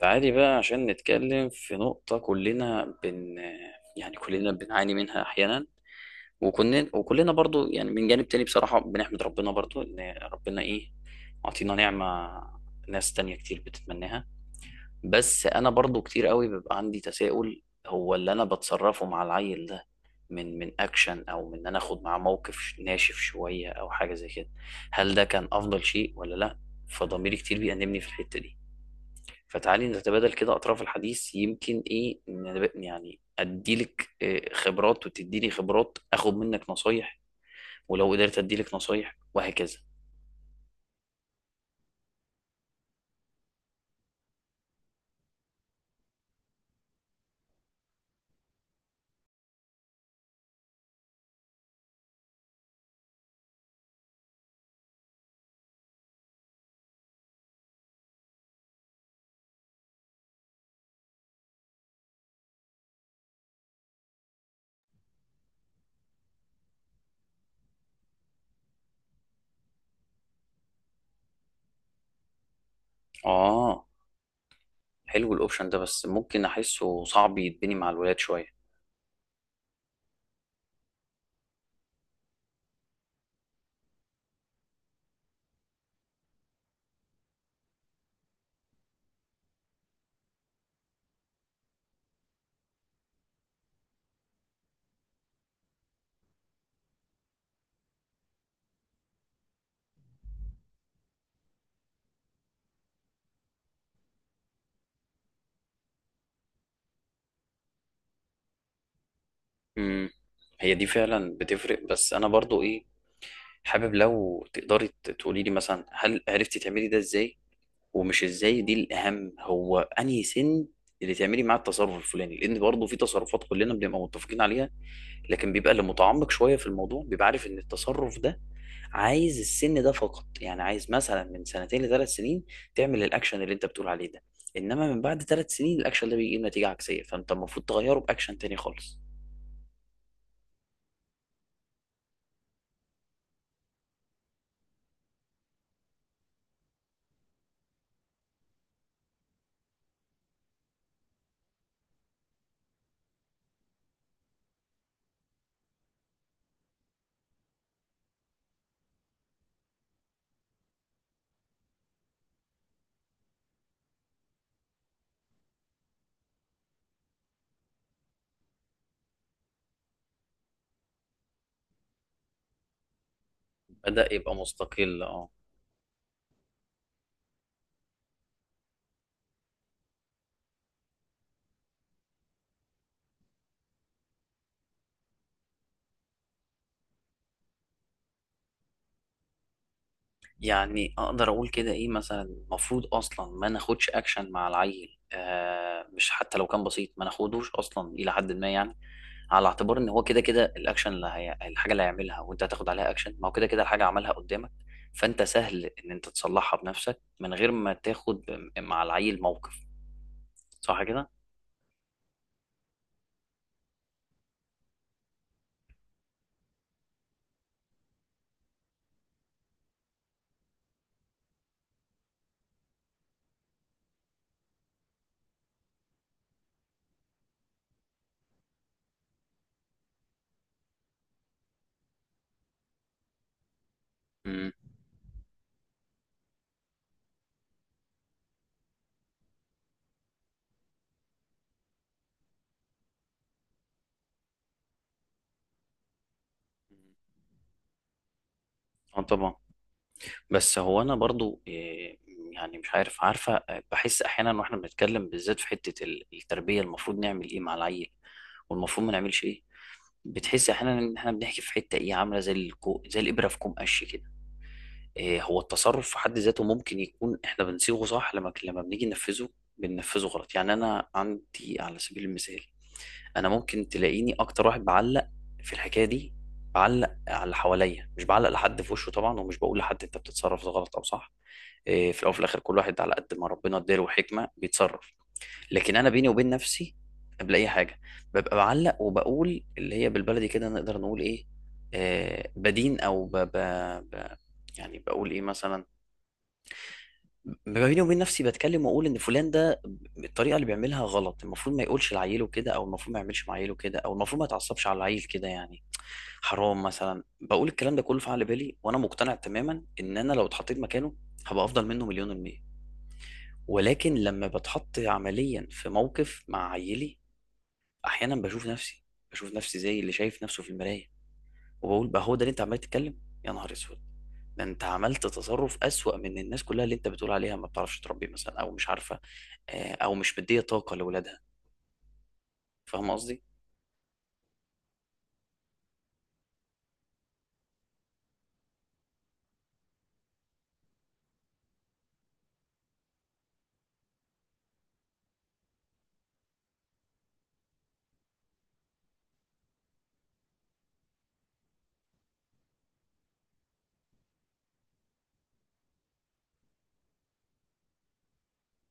تعالي بقى عشان نتكلم في نقطة كلنا بن يعني كلنا بنعاني منها أحيانا. وكلنا برضو يعني من جانب تاني بصراحة بنحمد ربنا برضو إن ربنا أعطينا نعمة ناس تانية كتير بتتمناها. بس أنا برضو كتير قوي بيبقى عندي تساؤل، هو اللي أنا بتصرفه مع العيل ده من أكشن أو من إن أنا آخد معاه موقف ناشف شوية أو حاجة زي كده، هل ده كان أفضل شيء ولا لأ؟ فضميري كتير بيأنبني في الحتة دي. فتعالي نتبادل كده أطراف الحديث، يمكن إيه نب- يعني أديلك خبرات وتديني خبرات، أخد منك نصايح، ولو قدرت أديلك نصايح وهكذا. آه، حلو الأوبشن ده، بس ممكن أحسه صعب يتبني مع الولاد شوية. امم هي دي فعلا بتفرق، بس أنا برضو حابب لو تقدري تقولي لي مثلا هل عرفتي تعملي ده إزاي؟ ومش ازاي دي الاهم، هو انهي سن اللي تعملي معاه التصرف الفلاني، لان برضه في تصرفات كلنا بنبقى متفقين عليها، لكن بيبقى اللي متعمق شويه في الموضوع بيبقى عارف ان التصرف ده عايز السن ده فقط. يعني عايز مثلا من سنتين لثلاث سنين تعمل الاكشن اللي انت بتقول عليه ده، انما من بعد ثلاث سنين الاكشن ده بيجيب نتيجه عكسيه، فانت المفروض تغيره باكشن تاني خالص. بدأ يبقى مستقل، اه. يعني اقدر اقول كده ايه مثلا، المفروض اصلا ما ناخدش اكشن مع العيل، مش حتى لو كان بسيط، ما ناخدوش اصلا الى حد ما يعني، على اعتبار ان هو كده كده الاكشن الحاجه اللي هيعملها وانت هتاخد عليها اكشن، ما هو كده كده الحاجه عملها قدامك، فانت سهل ان انت تصلحها بنفسك من غير ما تاخد مع العيل موقف. صح كده؟ مم. اه طبعا. بس هو انا برضو يعني مش عارف، عارفه آه، بحس احيانا واحنا بنتكلم بالذات في حته التربيه، المفروض نعمل ايه مع العيل والمفروض ما نعملش ايه، بتحس احيانا ان احنا بنحكي في حته عامله زي الكو زي الابره في كوم قش كده. إيه هو التصرف في حد ذاته ممكن يكون احنا بنصيغه صح لما بنيجي ننفذه، بننفذه غلط. يعني انا عندي على سبيل المثال، انا ممكن تلاقيني اكتر واحد بعلق في الحكايه دي، بعلق على اللي حواليا مش بعلق لحد في وشه طبعا، ومش بقول لحد انت بتتصرف ده غلط او صح. إيه، في الاول وفي الاخر كل واحد على قد ما ربنا اداله حكمه بيتصرف، لكن انا بيني وبين نفسي قبل اي حاجه ببقى بعلق، وبقول اللي هي بالبلدي كده نقدر نقول ايه، آه بدين او ب ب ب يعني بقول ايه مثلا، ببقى بيني وبين نفسي بتكلم واقول ان فلان ده الطريقه اللي بيعملها غلط، المفروض ما يقولش لعيله كده، او المفروض ما يعملش مع عيله كده، او المفروض ما يتعصبش على العيل كده، يعني حرام مثلا. بقول الكلام ده كله في عقل بالي، وانا مقتنع تماما ان انا لو اتحطيت مكانه هبقى افضل منه مليون المية، ولكن لما بتحط عمليا في موقف مع عيلي، احيانا بشوف نفسي، بشوف نفسي زي اللي شايف نفسه في المرايه، وبقول بقى هو ده اللي انت عمال تتكلم؟ يا نهار اسود، ده انت عملت تصرف اسوأ من الناس كلها اللي انت بتقول عليها ما بتعرفش تربي مثلا، او مش عارفه او مش مديه طاقه لاولادها. فاهم قصدي؟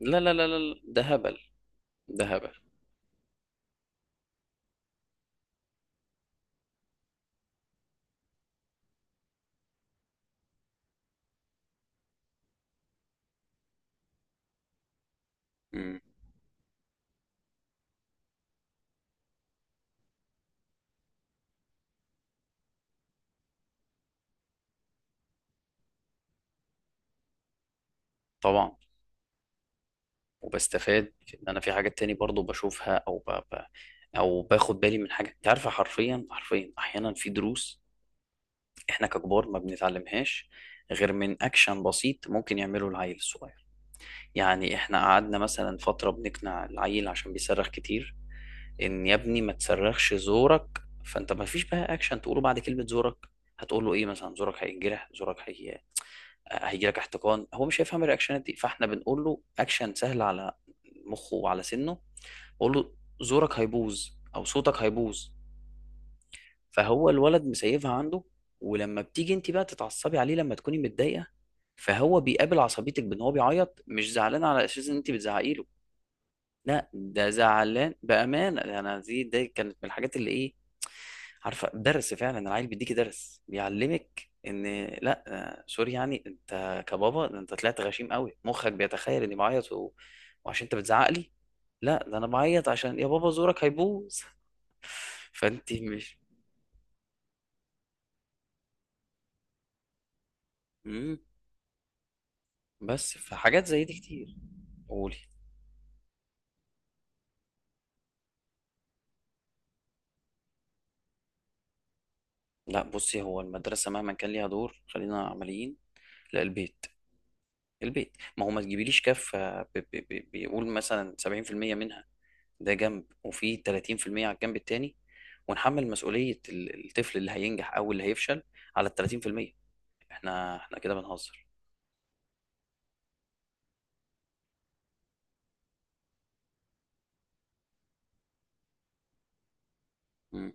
لا لا لا لا لا، ده هبل. ده هبل. مم. طبعا. وبستفاد ان انا في حاجات تاني برضو بشوفها او باخد بالي من حاجه. انت عارفه حرفيا حرفيا احيانا في دروس احنا ككبار ما بنتعلمهاش غير من اكشن بسيط ممكن يعمله العيل الصغير. يعني احنا قعدنا مثلا فترة بنقنع العيل عشان بيصرخ كتير ان يا ابني ما تصرخش زورك، فانت ما فيش بقى اكشن تقوله بعد كلمة زورك. هتقول له ايه مثلا، زورك هينجرح، هيجي لك احتقان؟ هو مش هيفهم الرياكشنات دي. فاحنا بنقول له اكشن سهل على مخه وعلى سنه، بقول له زورك هيبوظ او صوتك هيبوظ، فهو الولد مسيفها عنده. ولما بتيجي انت بقى تتعصبي عليه لما تكوني متضايقه، فهو بيقابل عصبيتك بان هو بيعيط، مش زعلان على اساس ان انت بتزعقي له، لا ده زعلان بامانه. انا دي كانت من الحاجات اللي ايه، عارفه، درس فعلا. العيل بيديكي درس بيعلمك ان لا سوري يعني انت كبابا، ده انت طلعت غشيم قوي، مخك بيتخيل اني بعيط وعشان انت بتزعق لي، لا ده انا بعيط عشان يا بابا زورك هيبوظ. فانت مش... مم. بس في حاجات زي دي كتير. قولي. لا بصي، هو المدرسة مهما كان ليها دور خلينا عمليين، لا البيت، البيت، ما هو ما تجيبيليش كفة بيقول مثلا 70% منها ده جنب، وفي 30% على الجنب التاني، ونحمل مسؤولية الطفل اللي هينجح أو اللي هيفشل على ال 30%، احنا كده بنهزر. مم.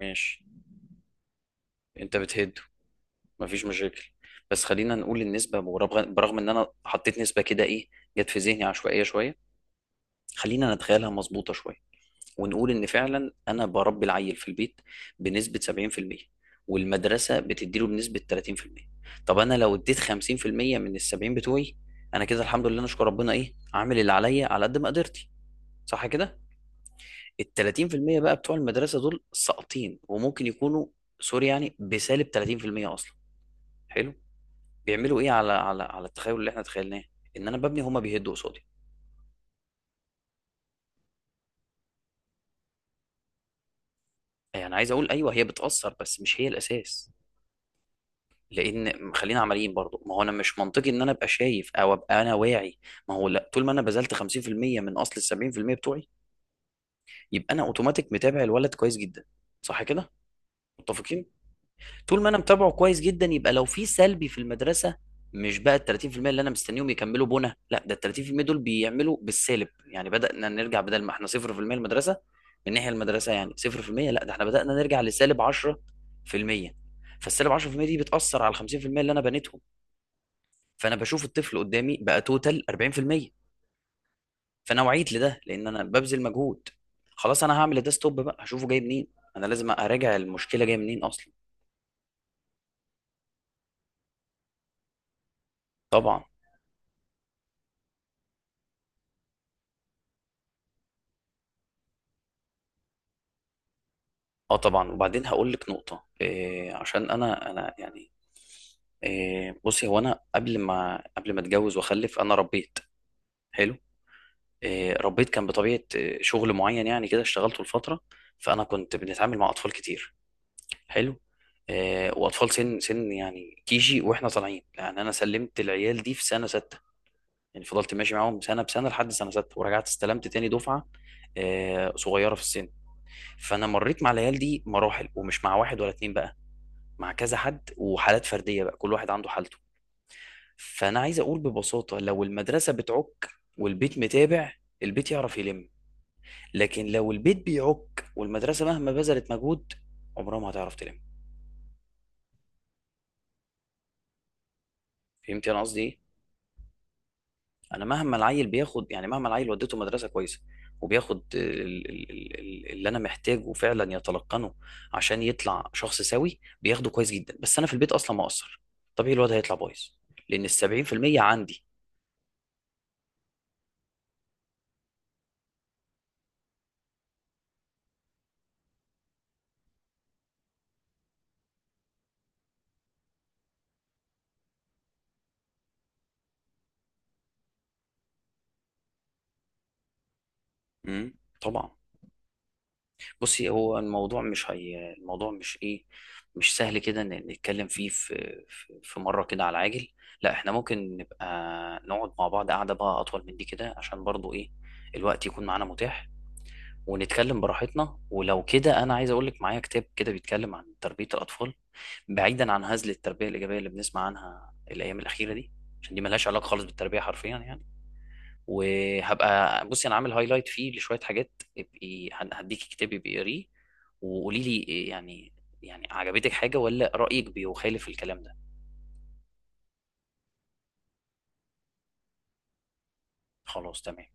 ماشي. انت بتهد. مفيش مشاكل. بس خلينا نقول النسبة، برغم ان انا حطيت نسبة كده جت في ذهني عشوائية شوية، خلينا نتخيلها مظبوطة شوية. ونقول ان فعلا انا بربي العيل في البيت بنسبة 70%، والمدرسة بتديله بنسبة 30%. طب انا لو اديت 50% من ال 70 بتوعي، انا كده الحمد لله نشكر ربنا عامل اللي عليا على قد ما قدرتي، صح كده؟ ال 30% بقى بتوع المدرسة دول ساقطين، وممكن يكونوا سوري يعني بسالب 30% اصلا. حلو. بيعملوا ايه على على على التخيل اللي احنا تخيلناه ان انا ببني، هما بيهدوا قصادي. يعني عايز اقول ايوه هي بتأثر، بس مش هي الاساس، لان خلينا عمليين برضو، ما هو انا مش منطقي ان انا ابقى شايف، او ابقى انا واعي. ما هو لا، طول ما انا بذلت 50% من اصل ال 70% بتوعي، يبقى انا اوتوماتيك متابع الولد كويس جدا، صح كده؟ متفقين. طول ما انا متابعه كويس جدا يبقى لو في سلبي في المدرسه، مش بقى ال 30% اللي انا مستنيهم يكملوا بنا، لا ده ال 30% دول بيعملوا بالسالب، يعني بدانا نرجع. بدل ما احنا 0% المدرسه، من ناحيه المدرسه يعني 0%، لا ده احنا بدانا نرجع لسالب 10%. فالسالب 10% دي بتاثر على ال 50% اللي انا بنيتهم، فانا بشوف الطفل قدامي بقى توتال 40%. فانا وعيت لده لان انا ببذل مجهود، خلاص انا هعمل ده ستوب بقى. هشوفه جاي منين، انا لازم اراجع المشكله جايه منين اصلا. طبعا. اه طبعا. وبعدين هقول لك نقطه عشان انا يعني إيه، بصي هو انا قبل ما اتجوز واخلف انا ربيت. حلو. إيه، ربيت، كان بطبيعه شغل معين يعني كده اشتغلته لفتره، فانا كنت بنتعامل مع اطفال كتير. حلو. آه، واطفال سن يعني جي واحنا طالعين، يعني انا سلمت العيال دي في سنه سته، يعني فضلت ماشي معاهم سنه بسنه لحد سنه سته، ورجعت استلمت تاني دفعه صغيره في السن. فانا مريت مع العيال دي مراحل، ومش مع واحد ولا اتنين بقى، مع كذا حد وحالات فرديه بقى، كل واحد عنده حالته. فانا عايز اقول ببساطه لو المدرسه بتعك والبيت متابع، البيت يعرف يلم. لكن لو البيت بيعك والمدرسه مهما بذلت مجهود عمرها ما هتعرف تلم. فهمت انا قصدي ايه؟ انا مهما العيل بياخد، يعني مهما العيل وديته مدرسه كويسه وبياخد اللي انا محتاجه فعلا يتلقنه عشان يطلع شخص سوي، بياخده كويس جدا، بس انا في البيت اصلا ما اقصر، طبيعي الواد هيطلع بايظ، لان ال 70% عندي. مم. طبعا. بصي هو الموضوع مش هي، الموضوع مش ايه، مش سهل كده نتكلم فيه في مره كده على العاجل، لا احنا ممكن نبقى نقعد مع بعض قعده بقى اطول من دي كده، عشان برضو الوقت يكون معانا متاح ونتكلم براحتنا. ولو كده انا عايز اقول لك معايا كتاب كده بيتكلم عن تربيه الاطفال، بعيدا عن هزل التربيه الايجابيه اللي بنسمع عنها الايام الاخيره دي، عشان دي ملهاش علاقه خالص بالتربيه حرفيا يعني. وهبقى بصي انا عامل هايلايت فيه لشويه حاجات، ابقي هديكي كتابي بيقريه، وقولي لي يعني يعني عجبتك حاجه، ولا رايك بيخالف الكلام ده؟ خلاص تمام.